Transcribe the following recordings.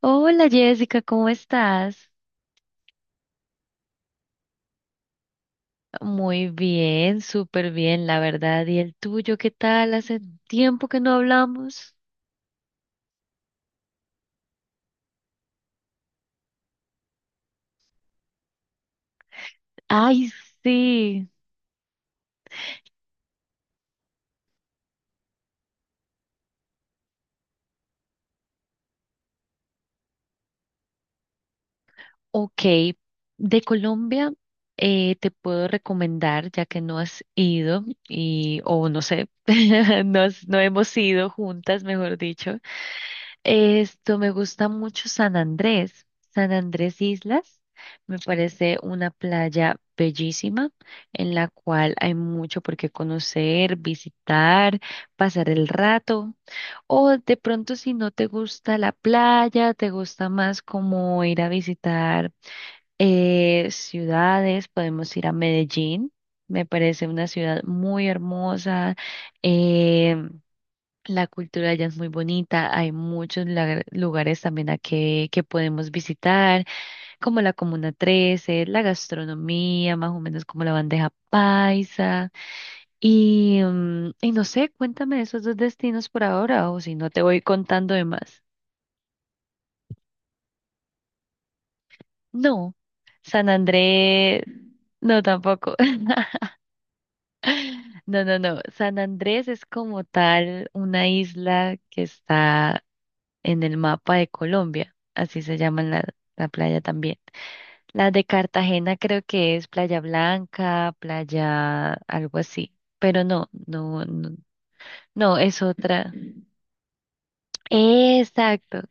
Hola Jessica, ¿cómo estás? Muy bien, súper bien, la verdad. ¿Y el tuyo qué tal? Hace tiempo que no hablamos. Ay, sí. Ok, de Colombia te puedo recomendar, ya que no has ido y, o no sé, no, no hemos ido juntas, mejor dicho. Esto me gusta mucho San Andrés, San Andrés Islas. Me parece una playa bellísima en la cual hay mucho por qué conocer, visitar, pasar el rato. O de pronto si no te gusta la playa, te gusta más como ir a visitar ciudades, podemos ir a Medellín. Me parece una ciudad muy hermosa. eh, la cultura allá es muy bonita, hay muchos lugares también a que podemos visitar, como la Comuna 13, la gastronomía, más o menos como la bandeja paisa. Y, y no sé, cuéntame esos dos destinos por ahora, o si no te voy contando de más. No, San Andrés, no tampoco. No, no, no. San Andrés es como tal una isla que está en el mapa de Colombia, así se llama la playa también. Las de Cartagena creo que es Playa Blanca, playa algo así, pero no, no, es otra. Exacto,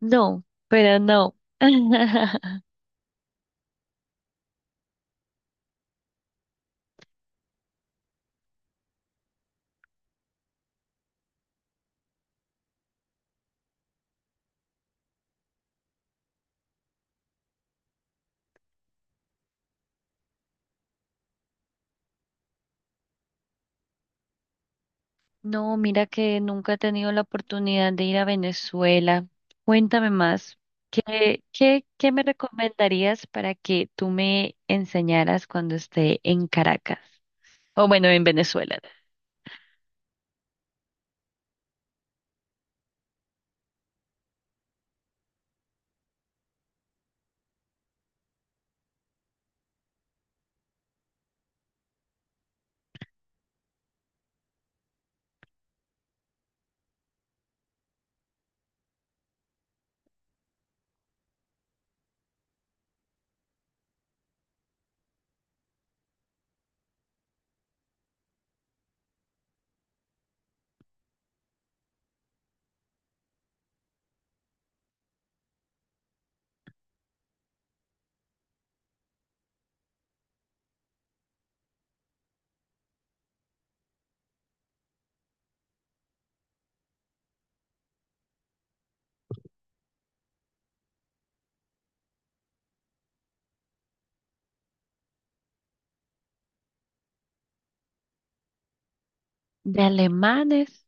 no, pero no. No, mira que nunca he tenido la oportunidad de ir a Venezuela. Cuéntame más. ¿ qué me recomendarías para que tú me enseñaras cuando esté en Caracas? O bueno, en Venezuela. De alemanes,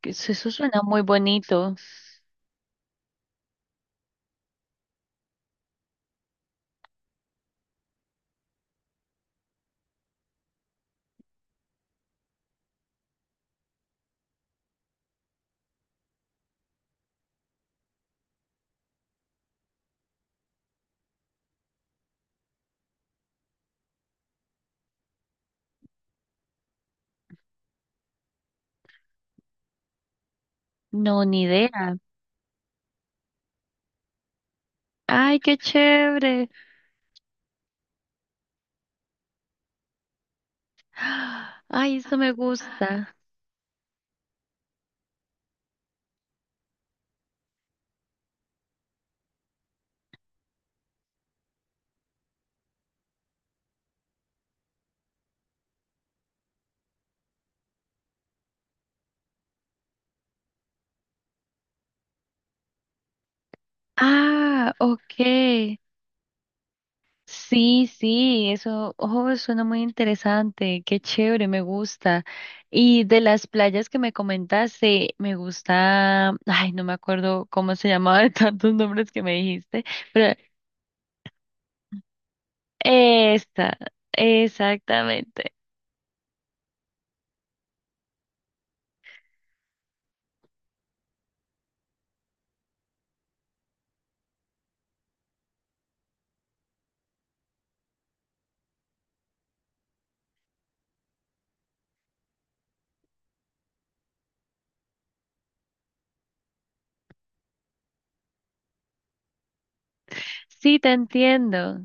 que eso suena muy bonito. No, ni idea. Ay, qué chévere. Ay, eso me gusta. Ah, ok. Sí, sí, eso, oh, suena muy interesante. Qué chévere, me gusta. Y de las playas que me comentaste, me gusta, ay, no me acuerdo cómo se llamaba de tantos nombres que me dijiste, pero esta, exactamente. Sí, te entiendo.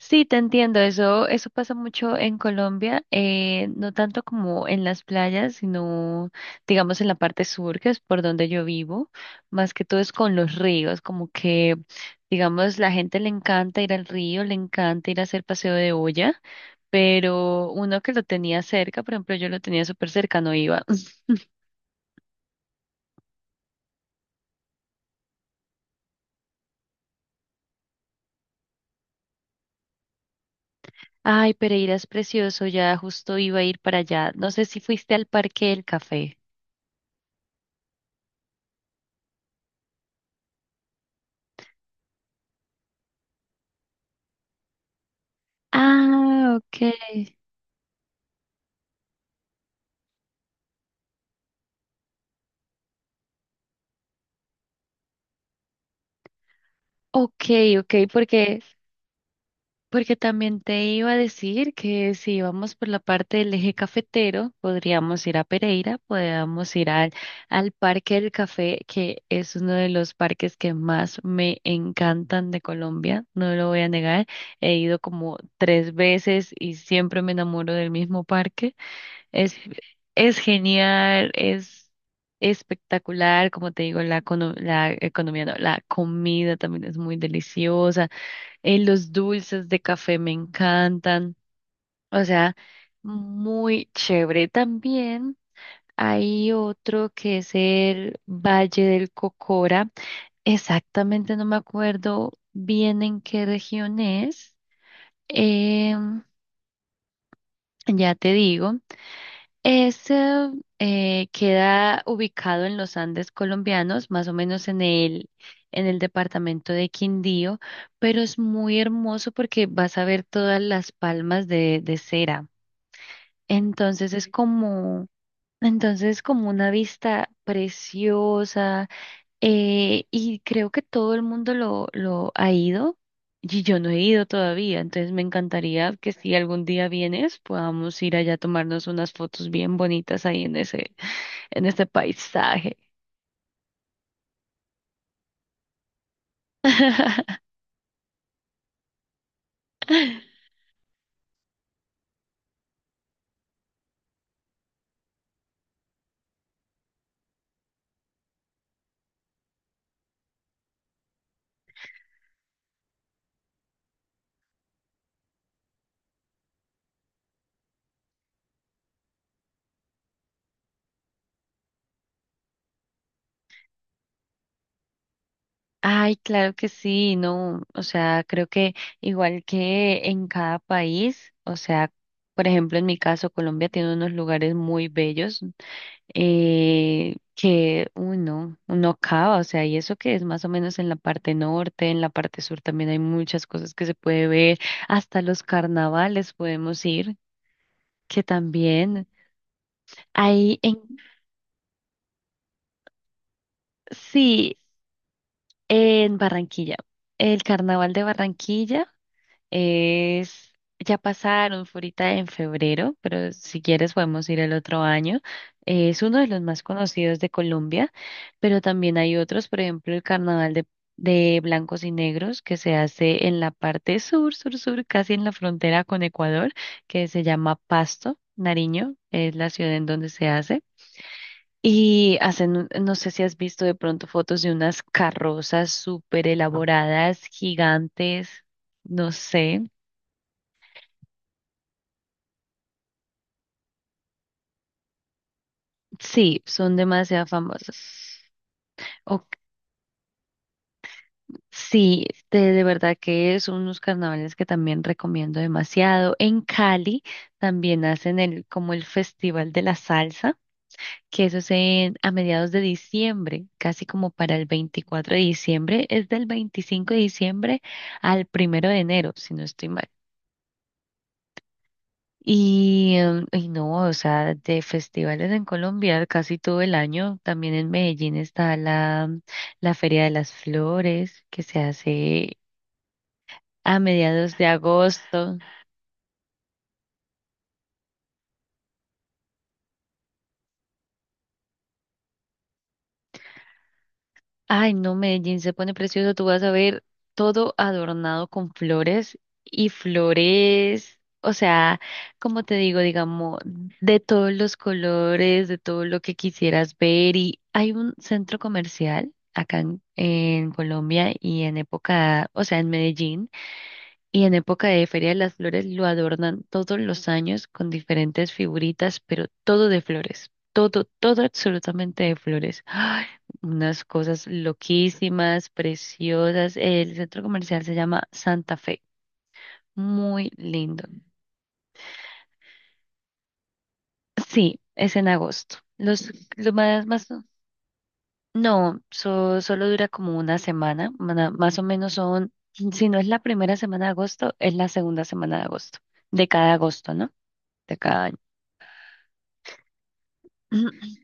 Sí, te entiendo, eso pasa mucho en Colombia, no tanto como en las playas, sino digamos en la parte sur, que es por donde yo vivo, más que todo es con los ríos, como que digamos la gente le encanta ir al río, le encanta ir a hacer paseo de olla, pero uno que lo tenía cerca, por ejemplo, yo lo tenía súper cerca, no iba. Ay, Pereira es precioso, ya justo iba a ir para allá. No sé si fuiste al Parque del Café. Ah, ok. Ok, ok, porque porque también te iba a decir que si vamos por la parte del eje cafetero, podríamos ir a Pereira, podríamos ir al Parque del Café, que es uno de los parques que más me encantan de Colombia, no lo voy a negar. He ido como tres veces y siempre me enamoro del mismo parque. Es, es genial, es espectacular, como te digo, la economía, no, la comida también es muy deliciosa los dulces de café me encantan. O sea, muy chévere. También hay otro que es el Valle del Cocora. Exactamente no me acuerdo bien en qué región es. Em, ya te digo. Ese Queda ubicado en los Andes colombianos, más o menos en en el departamento de Quindío, pero es muy hermoso porque vas a ver todas las palmas de cera. Entonces es como, entonces es como una vista preciosa. Y creo que todo el mundo lo ha ido y yo no he ido todavía, entonces me encantaría que si algún día vienes podamos ir allá a tomarnos unas fotos bien bonitas ahí en ese, en este paisaje. Ay, claro que sí, no, o sea, creo que igual que en cada país, o sea, por ejemplo, en mi caso, Colombia tiene unos lugares muy bellos que uno acaba, o sea, y eso que es más o menos en la parte norte, en la parte sur también hay muchas cosas que se puede ver, hasta los carnavales podemos ir, que también hay en, sí, en Barranquilla, el carnaval de Barranquilla. Es, ya pasaron, fue ahorita en febrero, pero si quieres podemos ir el otro año. Es uno de los más conocidos de Colombia, pero también hay otros, por ejemplo, el Carnaval de Blancos y Negros, que se hace en la parte sur, sur, sur, casi en la frontera con Ecuador, que se llama Pasto, Nariño, es la ciudad en donde se hace. Y hacen, no sé si has visto de pronto fotos de unas carrozas súper elaboradas, gigantes. No sé. Sí, son demasiado famosas. O- sí, de verdad que son unos carnavales que también recomiendo demasiado. En Cali también hacen el, como el Festival de la Salsa, que eso es en, a mediados de diciembre, casi como para el 24 de diciembre. Es del 25 de diciembre al primero de enero, si no estoy mal. Y, y no, o sea, de festivales en Colombia casi todo el año. También en Medellín está la Feria de las Flores que se hace a mediados de agosto. Ay, no, Medellín se pone precioso. Tú vas a ver todo adornado con flores y flores, o sea, como te digo, digamos, de todos los colores, de todo lo que quisieras ver. Y hay un centro comercial acá en Colombia y en época, o sea, en Medellín. Y en época de Feria de las Flores lo adornan todos los años con diferentes figuritas, pero todo de flores. Todo, todo absolutamente de flores. ¡Ay! Unas cosas loquísimas, preciosas. El centro comercial se llama Santa Fe. Muy lindo. Sí, es en agosto. Lo más, más, no, solo dura como una semana, más o menos son, si no es la primera semana de agosto, es la segunda semana de agosto, de cada agosto, ¿no? De cada año.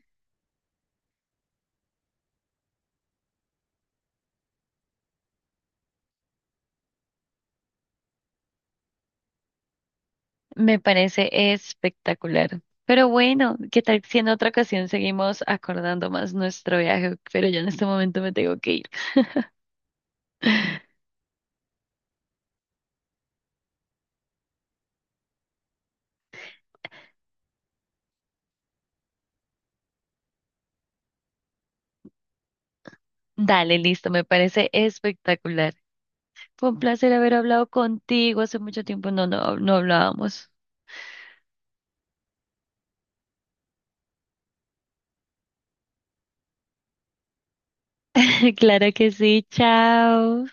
Me parece espectacular. Pero bueno, ¿qué tal si en otra ocasión seguimos acordando más nuestro viaje? Pero yo en este momento me tengo que ir. Dale, listo, me parece espectacular. Fue un placer haber hablado contigo. Hace mucho tiempo no hablábamos. Claro que sí, chao.